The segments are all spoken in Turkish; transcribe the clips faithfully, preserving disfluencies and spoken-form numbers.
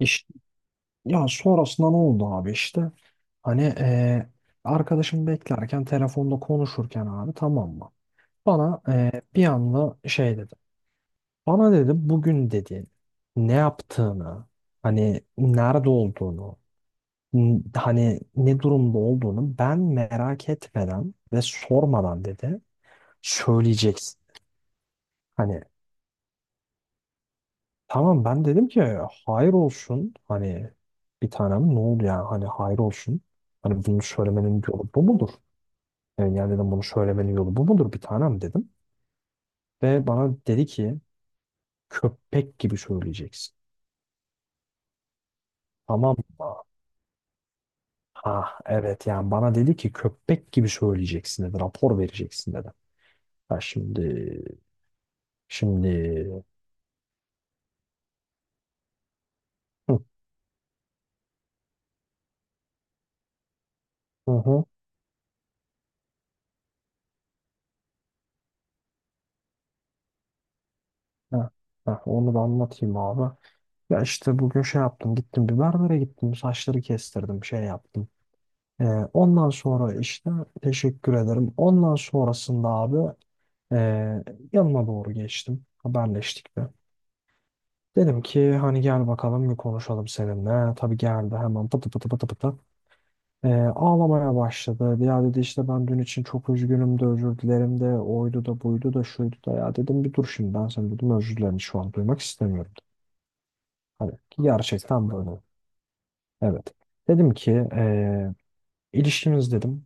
İşte, ya sonrasında ne oldu abi işte hani eee arkadaşım beklerken telefonda konuşurken abi tamam mı? Bana eee, bir anda şey dedi. Bana dedi bugün dedi ne yaptığını hani nerede olduğunu n- hani ne durumda olduğunu ben merak etmeden ve sormadan dedi söyleyeceksin. Hani tamam, ben dedim ki hayır olsun hani bir tanem ne oldu ya hani hayır olsun. Hani bunu söylemenin yolu bu mudur? Yani, yani dedim bunu söylemenin yolu bu mudur bir tanem dedim. Ve bana dedi ki köpek gibi söyleyeceksin. Tamam mı? Ha evet, yani bana dedi ki köpek gibi söyleyeceksin dedi, rapor vereceksin dedi. Ha şimdi, şimdi hı hı hı. Ha, ha, onu da anlatayım abi. Ya işte bugün şey yaptım, gittim bir berbere gittim, saçları kestirdim, şey yaptım. Ee, Ondan sonra işte teşekkür ederim. Ondan sonrasında abi ee, yanına doğru geçtim. Haberleştik de. Dedim ki hani gel bakalım bir konuşalım seninle. Tabii geldi hemen pıtı pıtı pıtı pıtı. Ee, ağlamaya başladı. Ya dedi işte ben dün için çok üzgünüm de özür dilerim de oydu da buydu da şuydu da, ya dedim bir dur şimdi, ben sana dedim özür dilerim şu an duymak istemiyorum. Hani gerçekten böyle. Evet. Dedim ki ee, ilişkimiz dedim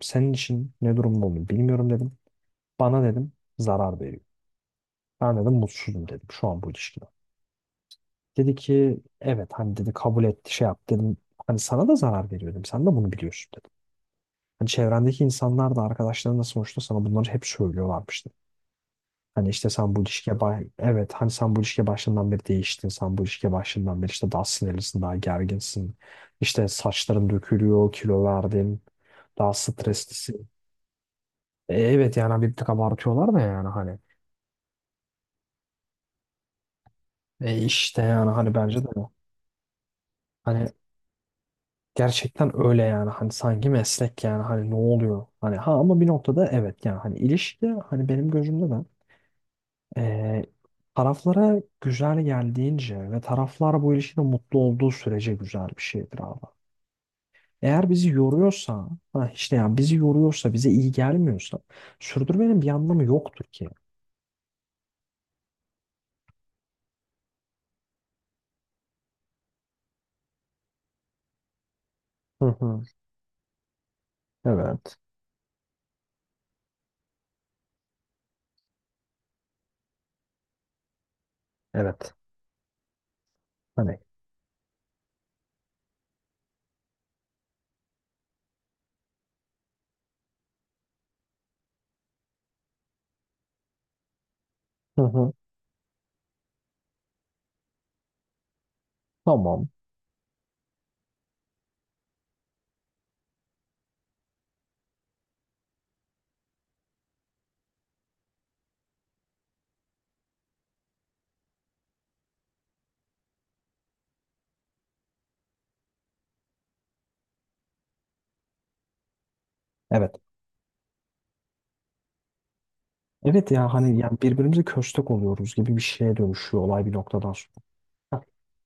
senin için ne durumda olduğunu bilmiyorum dedim. Bana dedim zarar veriyor. Ben dedim mutsuzum dedim şu an bu ilişkiden. Dedi ki evet hani dedi, kabul etti, şey yaptı dedim. Hani sana da zarar veriyor dedim. Sen de bunu biliyorsun dedim. Hani çevrendeki insanlar da arkadaşların da sonuçta sana bunları hep söylüyorlarmıştı. Hani işte sen bu ilişkiye bay- evet hani sen bu ilişkiye başından beri değiştin. Sen bu ilişkiye başından beri işte daha sinirlisin, daha gerginsin. İşte saçların dökülüyor, kilo verdin. Daha streslisin. E, evet yani bir tık abartıyorlar da yani hani. E işte yani hani bence de. Hani gerçekten öyle yani, hani sanki meslek yani, hani ne oluyor hani ha, ama bir noktada evet yani hani ilişki hani benim gözümde de eee, taraflara güzel geldiğince ve taraflar bu ilişkide mutlu olduğu sürece güzel bir şeydir abi. Eğer bizi yoruyorsa ha işte yani bizi yoruyorsa bize iyi gelmiyorsa sürdürmenin bir anlamı yoktur ki. Hı hı. Evet. Evet. Hani, hı hı. Tamam. Evet, evet, ya hani yani birbirimize köstek oluyoruz gibi bir şeye dönüşüyor olay bir noktadan sonra. Ha,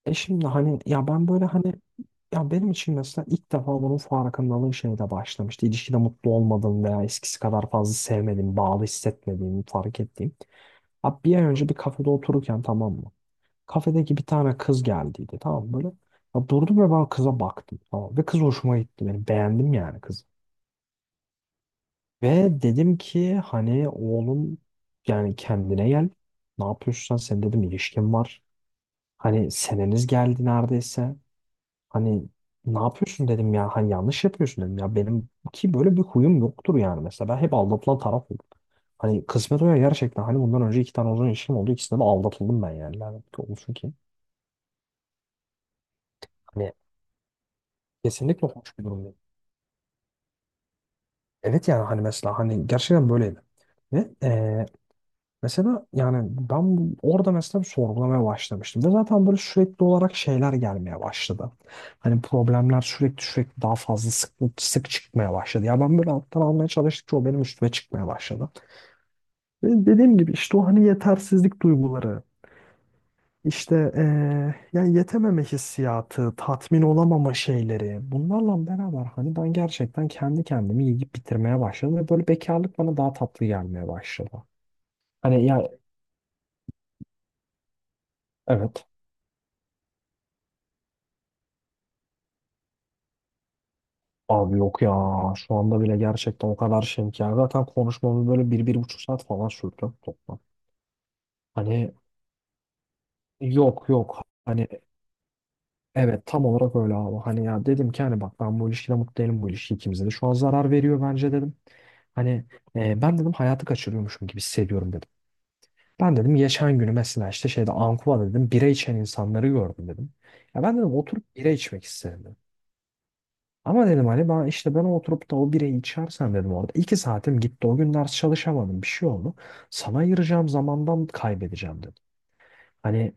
e şimdi hani ya ben böyle hani, ya benim için mesela ilk defa bunun farkındalığı şeyde başlamıştı. İlişkide mutlu olmadığım veya eskisi kadar fazla sevmediğim, bağlı hissetmediğimi fark ettiğim. Abi bir ay önce bir kafede otururken tamam mı? Kafedeki bir tane kız geldiydi tamam mı, böyle. Ya durdum ve ben kıza baktım, tamam mı? Ve kız hoşuma gitti benim. Beğendim yani kızı. Ve dedim ki hani oğlum, yani kendine gel. Ne yapıyorsun sen? Senin dedim ilişkin var. Hani seneniz geldi neredeyse. Hani ne yapıyorsun dedim ya. Hani yanlış yapıyorsun dedim ya. Benim ki böyle bir huyum yoktur yani. Mesela ben hep aldatılan taraf oldum. Hani kısmet o ya gerçekten. Hani bundan önce iki tane uzun ilişkim oldu. İkisinde de aldatıldım ben yani. Lanet olsun ki. Hani kesinlikle hoş bir durum değil. Evet yani hani mesela hani gerçekten böyleydi. Ve eee, mesela yani ben bu- orada mesela bir sorgulamaya başlamıştım. Ve zaten böyle sürekli olarak şeyler gelmeye başladı. Hani problemler sürekli sürekli daha fazla sık, sık çıkmaya başladı. Ya ben böyle alttan almaya çalıştıkça o benim üstüme çıkmaya başladı. Ve dediğim gibi işte o hani yetersizlik duyguları, işte eee, yani yetememe hissiyatı, tatmin olamama şeyleri. Bunlarla beraber hani ben gerçekten kendi kendimi yiyip bitirmeye başladım. Ve böyle bekarlık bana daha tatlı gelmeye başladı. Hani ya evet. Abi yok ya, şu anda bile gerçekten o kadar şeyim ki. Yani zaten konuşmamız böyle bir, bir buçuk saat falan sürdü toplam. Hani yok yok hani, evet tam olarak öyle abi. Hani ya dedim ki hani bak ben bu ilişkide mutlu değilim, bu ilişki ikimize de şu an zarar veriyor bence dedim. Hani e, ben dedim hayatı kaçırıyormuşum gibi hissediyorum dedim. Ben dedim geçen günü mesela işte şeyde Ankuva'da dedim bira içen insanları gördüm dedim. Ya ben dedim oturup bira içmek istedim. Ama dedim hani ben işte ben oturup da o bireyi içersem dedim orada iki saatim gitti. O gün ders çalışamadım. Bir şey oldu. Sana ayıracağım zamandan kaybedeceğim dedim. Hani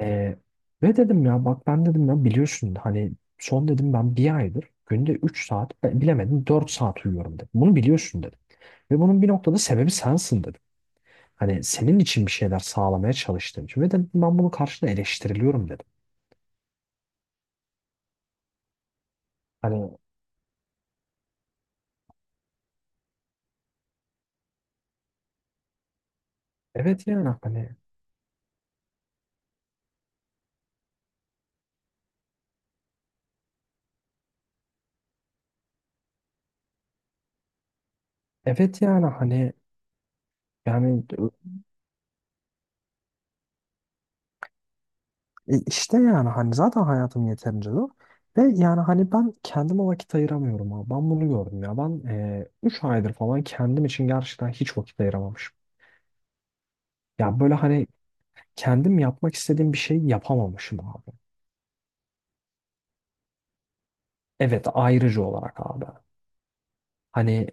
e, ve dedim ya bak ben dedim ya biliyorsun hani son dedim ben bir aydır günde üç saat be- bilemedim dört saat uyuyorum dedim. Bunu biliyorsun dedim. Ve bunun bir noktada sebebi sensin dedim. Hani senin için bir şeyler sağlamaya çalıştığım için. Ve dedim ben bunun karşına eleştiriliyorum dedim. Hani evet yani hani evet yani hani yani E işte yani hani zaten hayatım yeterince zor. Ve yani hani ben kendime vakit ayıramıyorum abi. Ben bunu gördüm ya. Ben e, üç aydır falan kendim için gerçekten hiç vakit ayıramamışım. Ya böyle hani kendim yapmak istediğim bir şey yapamamışım abi. Evet, ayrıcı olarak abi. Hani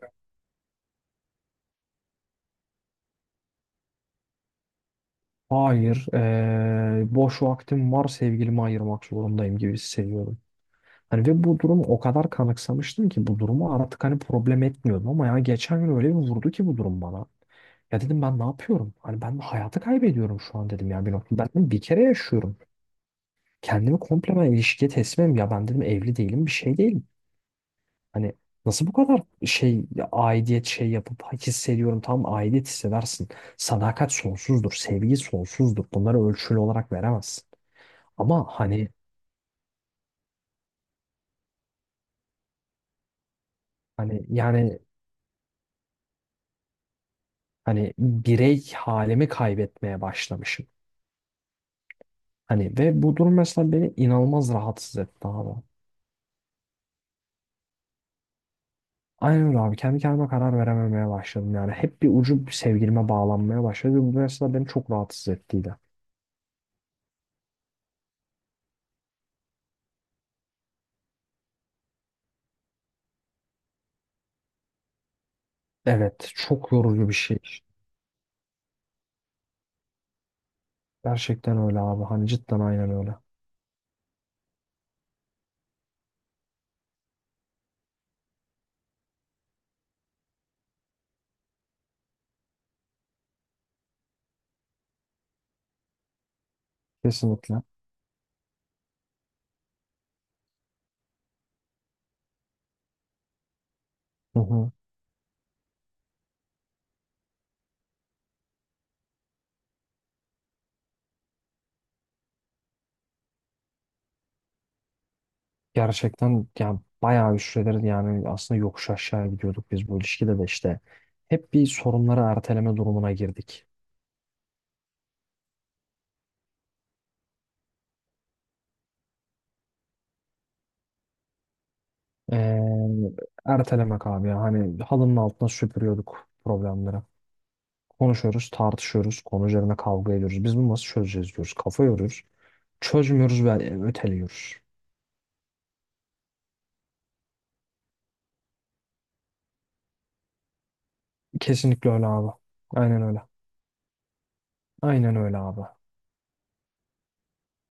hayır, e, boş vaktim var sevgilime ayırmak zorundayım gibi hissediyorum. Hani ve bu durumu o kadar kanıksamıştım ki bu durumu artık hani problem etmiyordum, ama ya geçen gün öyle bir vurdu ki bu durum bana. Ya dedim ben ne yapıyorum? Hani ben hayatı kaybediyorum şu an dedim ya bir nokta. Ben dedim bir kere yaşıyorum. Kendimi komple ben ilişkiye teslimim ya, ben dedim evli değilim, bir şey değilim. Hani nasıl bu kadar şey ya, aidiyet şey yapıp hissediyorum, tam aidiyet hissedersin. Sadakat sonsuzdur, sevgi sonsuzdur. Bunları ölçülü olarak veremezsin. Ama hani hani yani hani birey halimi kaybetmeye başlamışım. Hani ve bu durum mesela beni inanılmaz rahatsız etti abi. Aynen öyle abi. Kendi kendime karar verememeye başladım yani. Hep bir ucu sevgilime bağlanmaya başladı. Ve bu mesela beni çok rahatsız ettiydi. Evet, çok yorucu bir şey. Gerçekten öyle abi. Hani cidden aynen öyle. Kesinlikle. Hı hı. Gerçekten yani bayağı bir süredir yani aslında yokuş aşağı gidiyorduk biz bu ilişkide de işte. Hep bir sorunları erteleme durumuna girdik. Ee, Ertelemek abi ya. Hani halının altına süpürüyorduk problemleri. Konuşuyoruz, tartışıyoruz, konu üzerine kavga ediyoruz. Biz bunu nasıl çözeceğiz diyoruz. Kafa yoruyoruz. Çözmüyoruz ve e, öteliyoruz. Kesinlikle öyle abi. Aynen öyle. Aynen öyle abi.